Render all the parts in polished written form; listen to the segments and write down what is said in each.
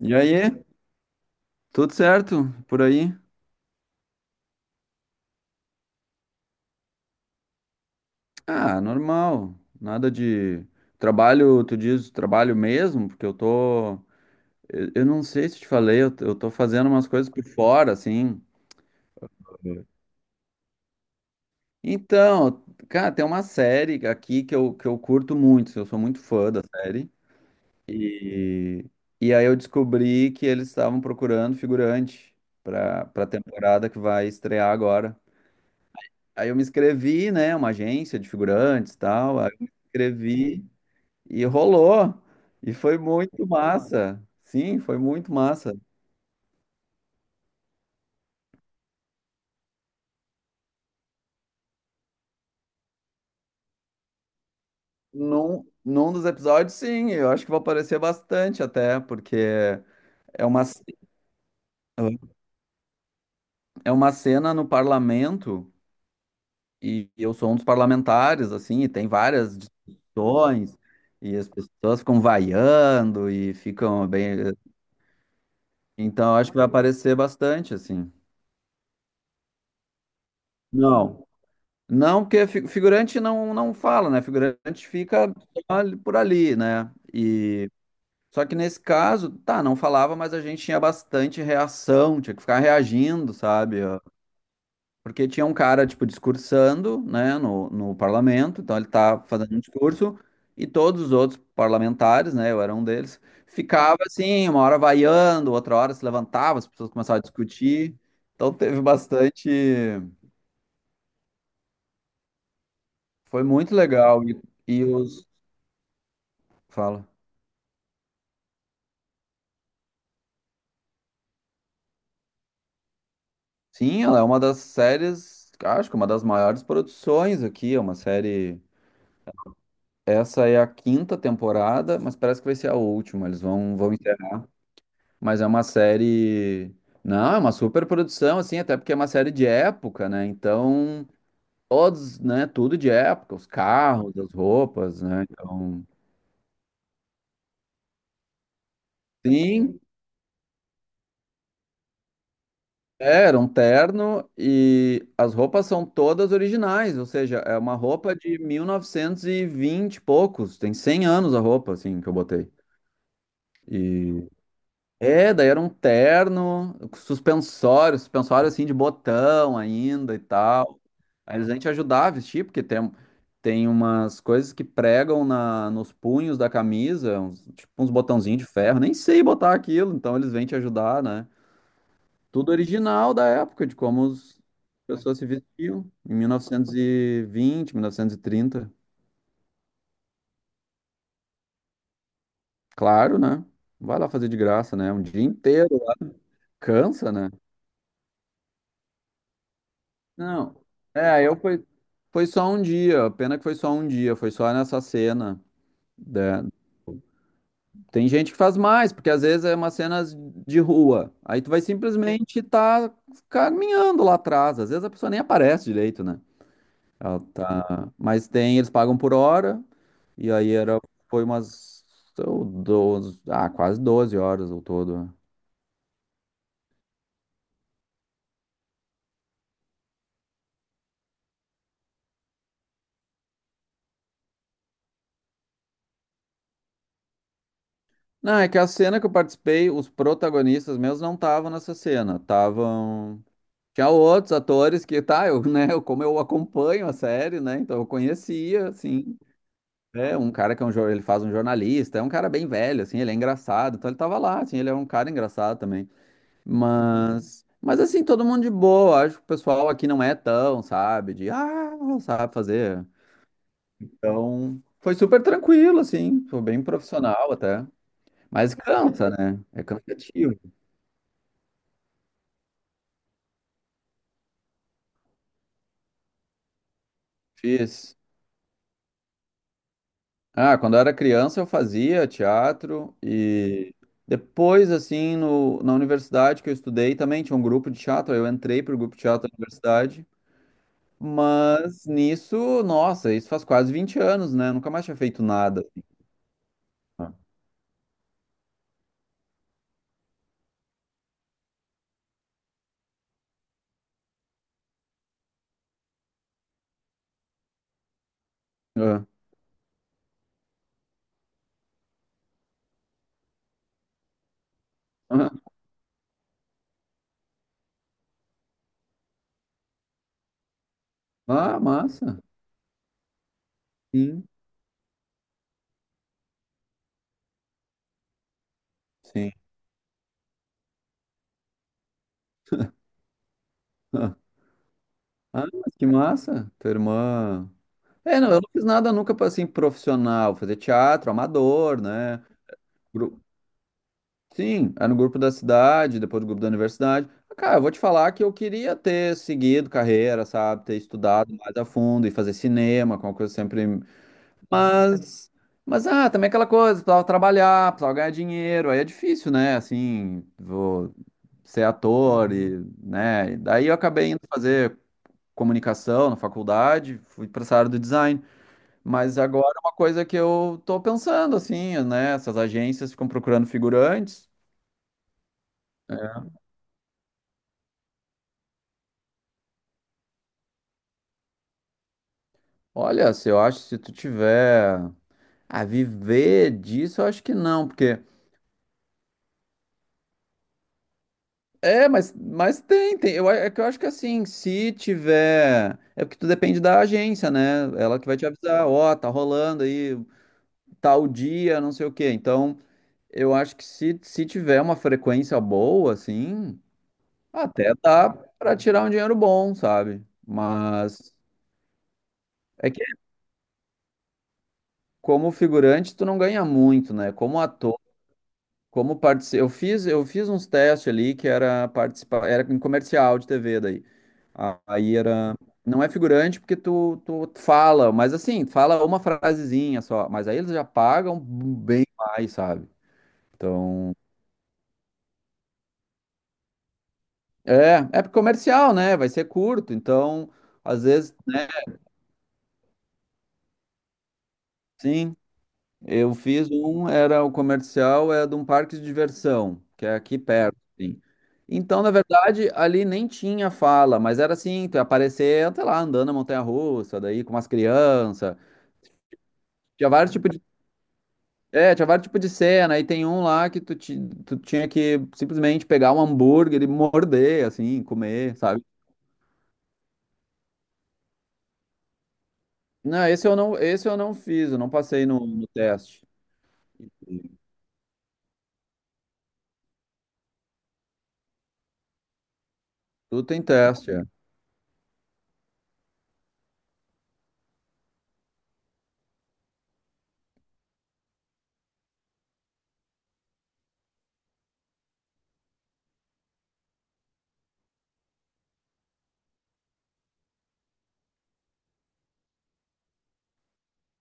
E aí, tudo certo por aí? Ah, normal. Nada de trabalho, tu diz trabalho mesmo, porque eu tô. Eu não sei se te falei, eu tô fazendo umas coisas por fora, assim. Então, cara, tem uma série aqui que eu curto muito, eu sou muito fã da série. E, e aí eu descobri que eles estavam procurando figurante pra temporada que vai estrear agora. Aí eu me inscrevi, né? Uma agência de figurantes e tal. Aí eu me inscrevi. E rolou. E foi muito massa. Sim, foi muito massa. Num dos episódios, sim, eu acho que vai aparecer bastante até, porque é uma, ce- é uma cena no parlamento, e eu sou um dos parlamentares, assim, e tem várias discussões, e as pessoas ficam vaiando e ficam bem. Então, eu acho que vai aparecer bastante, assim. Não. Não, porque figurante não fala, né? Figurante fica só por ali, né? Só que nesse caso, tá, não falava, mas a gente tinha bastante reação, tinha que ficar reagindo, sabe? Ah, porque tinha um cara, tipo, discursando, né, no parlamento, então ele tá fazendo um discurso, e todos os outros parlamentares, né, eu era um deles, ficava assim, uma hora vaiando, outra hora se levantava, as pessoas começavam a discutir. Então teve bastante. Foi muito legal. E os. Fala. Sim, ela é uma das séries, acho que uma das maiores produções aqui, é uma série. Essa é a quinta temporada, mas parece que vai ser a última. Eles vão encerrar. Mas é uma série. Não, é uma super produção, assim, até porque é uma série de época, né? Então, todos, né? Tudo de época, os carros, as roupas, né? Então. Sim, é, era um terno e as roupas são todas originais, ou seja, é uma roupa de 1920 e vinte e poucos, tem 100 anos a roupa, assim, que eu botei. E É, daí era um terno, suspensório, suspensório assim de botão ainda e tal. Aí eles vêm te ajudar a vestir, porque tem umas coisas que pregam na, nos punhos da camisa, uns- tipo uns botãozinhos de ferro, nem sei botar aquilo, então eles vêm te ajudar, né? Tudo original da época, de como as pessoas se vestiam em 1920, 1930. Claro, né? Vai lá fazer de graça, né? Um dia inteiro. Cansa, né? Não. É, eu foi, foi só um dia. Pena que foi só um dia, foi só nessa cena. Né? Tem gente que faz mais, porque às vezes é uma cenas de rua. Aí tu vai simplesmente estar caminhando lá atrás. Às vezes a pessoa nem aparece direito, né? Ela tá... Mas tem, eles pagam por hora, e aí era, foi umas ou 12, quase 12 horas ao todo. Né? Não, é que a cena que eu participei, os protagonistas meus não estavam nessa cena, estavam. Tinha outros atores que, tá, eu, né, eu, como eu acompanho a série, né, então eu conhecia, assim, é um cara que é um, ele faz um jornalista, é um cara bem velho, assim, ele é engraçado, então ele tava lá, assim, ele é um cara engraçado também, mas assim, todo mundo de boa, acho que o pessoal aqui não é tão, sabe, de, ah, não sabe fazer, então foi super tranquilo, assim, foi bem profissional até, mas cansa, né, é cansativo, difícil. Ah, quando eu era criança eu fazia teatro e depois, assim, no, na universidade que eu estudei também tinha um grupo de teatro, aí eu entrei para o grupo de teatro da universidade, mas nisso, nossa, isso faz quase 20 anos, né? Eu nunca mais tinha feito nada. Ah, ah, ah, massa. Sim, sim. Ah, ah, mas que massa, tua irmã. É, não, eu não fiz nada nunca para assim profissional, fazer teatro amador, né? Gru- Sim, é no grupo da cidade, depois do grupo da universidade. Ah, cara, eu vou te falar que eu queria ter seguido carreira, sabe? Ter estudado mais a fundo e fazer cinema, com uma coisa sempre. Mas, mas, também aquela coisa, precisava trabalhar, precisava ganhar dinheiro, aí é difícil, né? Assim, vou ser ator e, né? E daí eu acabei indo fazer comunicação na faculdade, fui para essa área do design. Mas agora é uma coisa que eu tô pensando, assim, né? Essas agências ficam procurando figurantes. Olha, se eu acho, se tu tiver a viver disso, eu acho que não, porque. É, mas tem. Eu, a- é que eu acho que assim, se tiver. É porque tu depende da agência, né? Ela que vai te avisar, ó, tá rolando aí tal dia, não sei o quê. Então, eu acho que se tiver uma frequência boa, assim, até dá pra tirar um dinheiro bom, sabe? Mas é que como figurante, tu não ganha muito, né? Como ator. Como partici... eu fiz uns testes ali que era participar, era em comercial de TV daí. Aí era, não é figurante porque tu fala, mas assim, fala uma frasezinha só, mas aí eles já pagam bem mais, sabe? Então, é comercial, né? Vai ser curto, então, às vezes, sim. Eu fiz um, era o comercial, é de um parque de diversão, que é aqui perto, assim. Então, na verdade, ali nem tinha fala, mas era assim, tu ia aparecer, sei lá, andando na montanha-russa, daí com umas crianças. Tinha vários tipos de, é, tinha vários tipos de cena, e tem um lá que tu tinha que simplesmente pegar um hambúrguer e morder, assim, comer, sabe? Não, esse eu não fiz, eu não passei no teste. Tudo tem teste, é.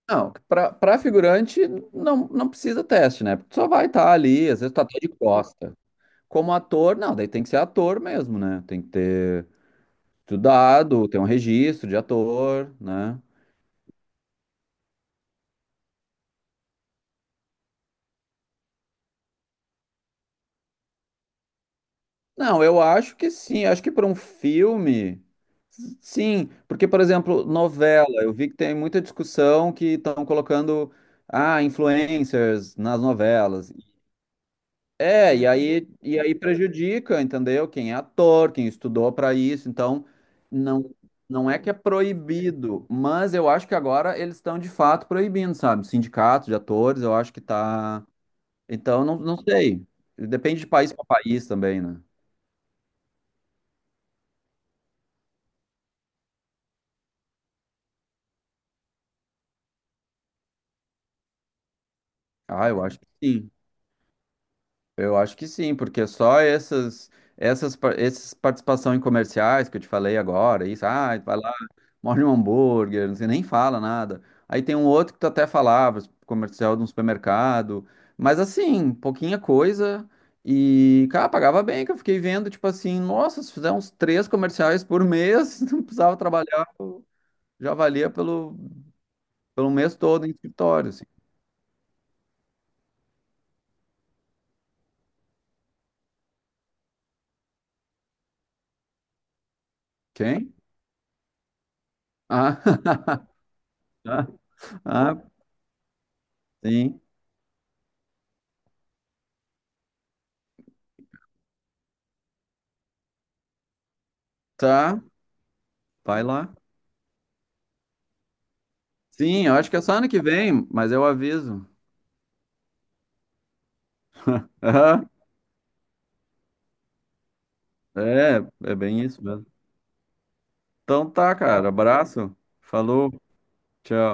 Não, pra figurante não precisa teste, né? Porque tu só vai estar ali, às vezes tu tá até de costa. Como ator, não, daí tem que ser ator mesmo, né? Tem que ter estudado, ter um registro de ator, né? Não, eu acho que sim, acho que para um filme, sim. Porque, por exemplo, novela, eu vi que tem muita discussão que estão colocando, ah, influencers nas novelas. É, e aí prejudica, entendeu? Quem é ator, quem estudou para isso. Então, não, não é que é proibido, mas eu acho que agora eles estão de fato proibindo, sabe? Sindicatos de atores, eu acho que tá. Então, não sei. Depende de país para país também, né? Ah, eu acho que sim. Eu acho que sim, porque só essas participação em comerciais que eu te falei agora, isso, ah, vai lá morde um hambúrguer, você nem fala nada. Aí tem um outro que tu até falava, comercial de um supermercado, mas assim, pouquinha coisa. E, cara, pagava bem, que eu fiquei vendo, tipo assim, nossa, se fizer uns três comerciais por mês, não precisava trabalhar, já valia pelo mês todo em escritório, assim. Quem? Ah, ah, ah, sim. Tá, vai lá. Sim, eu acho que é só ano que vem, mas eu aviso. Aham, É, é bem isso mesmo. Então tá, cara. Abraço. Falou. Tchau.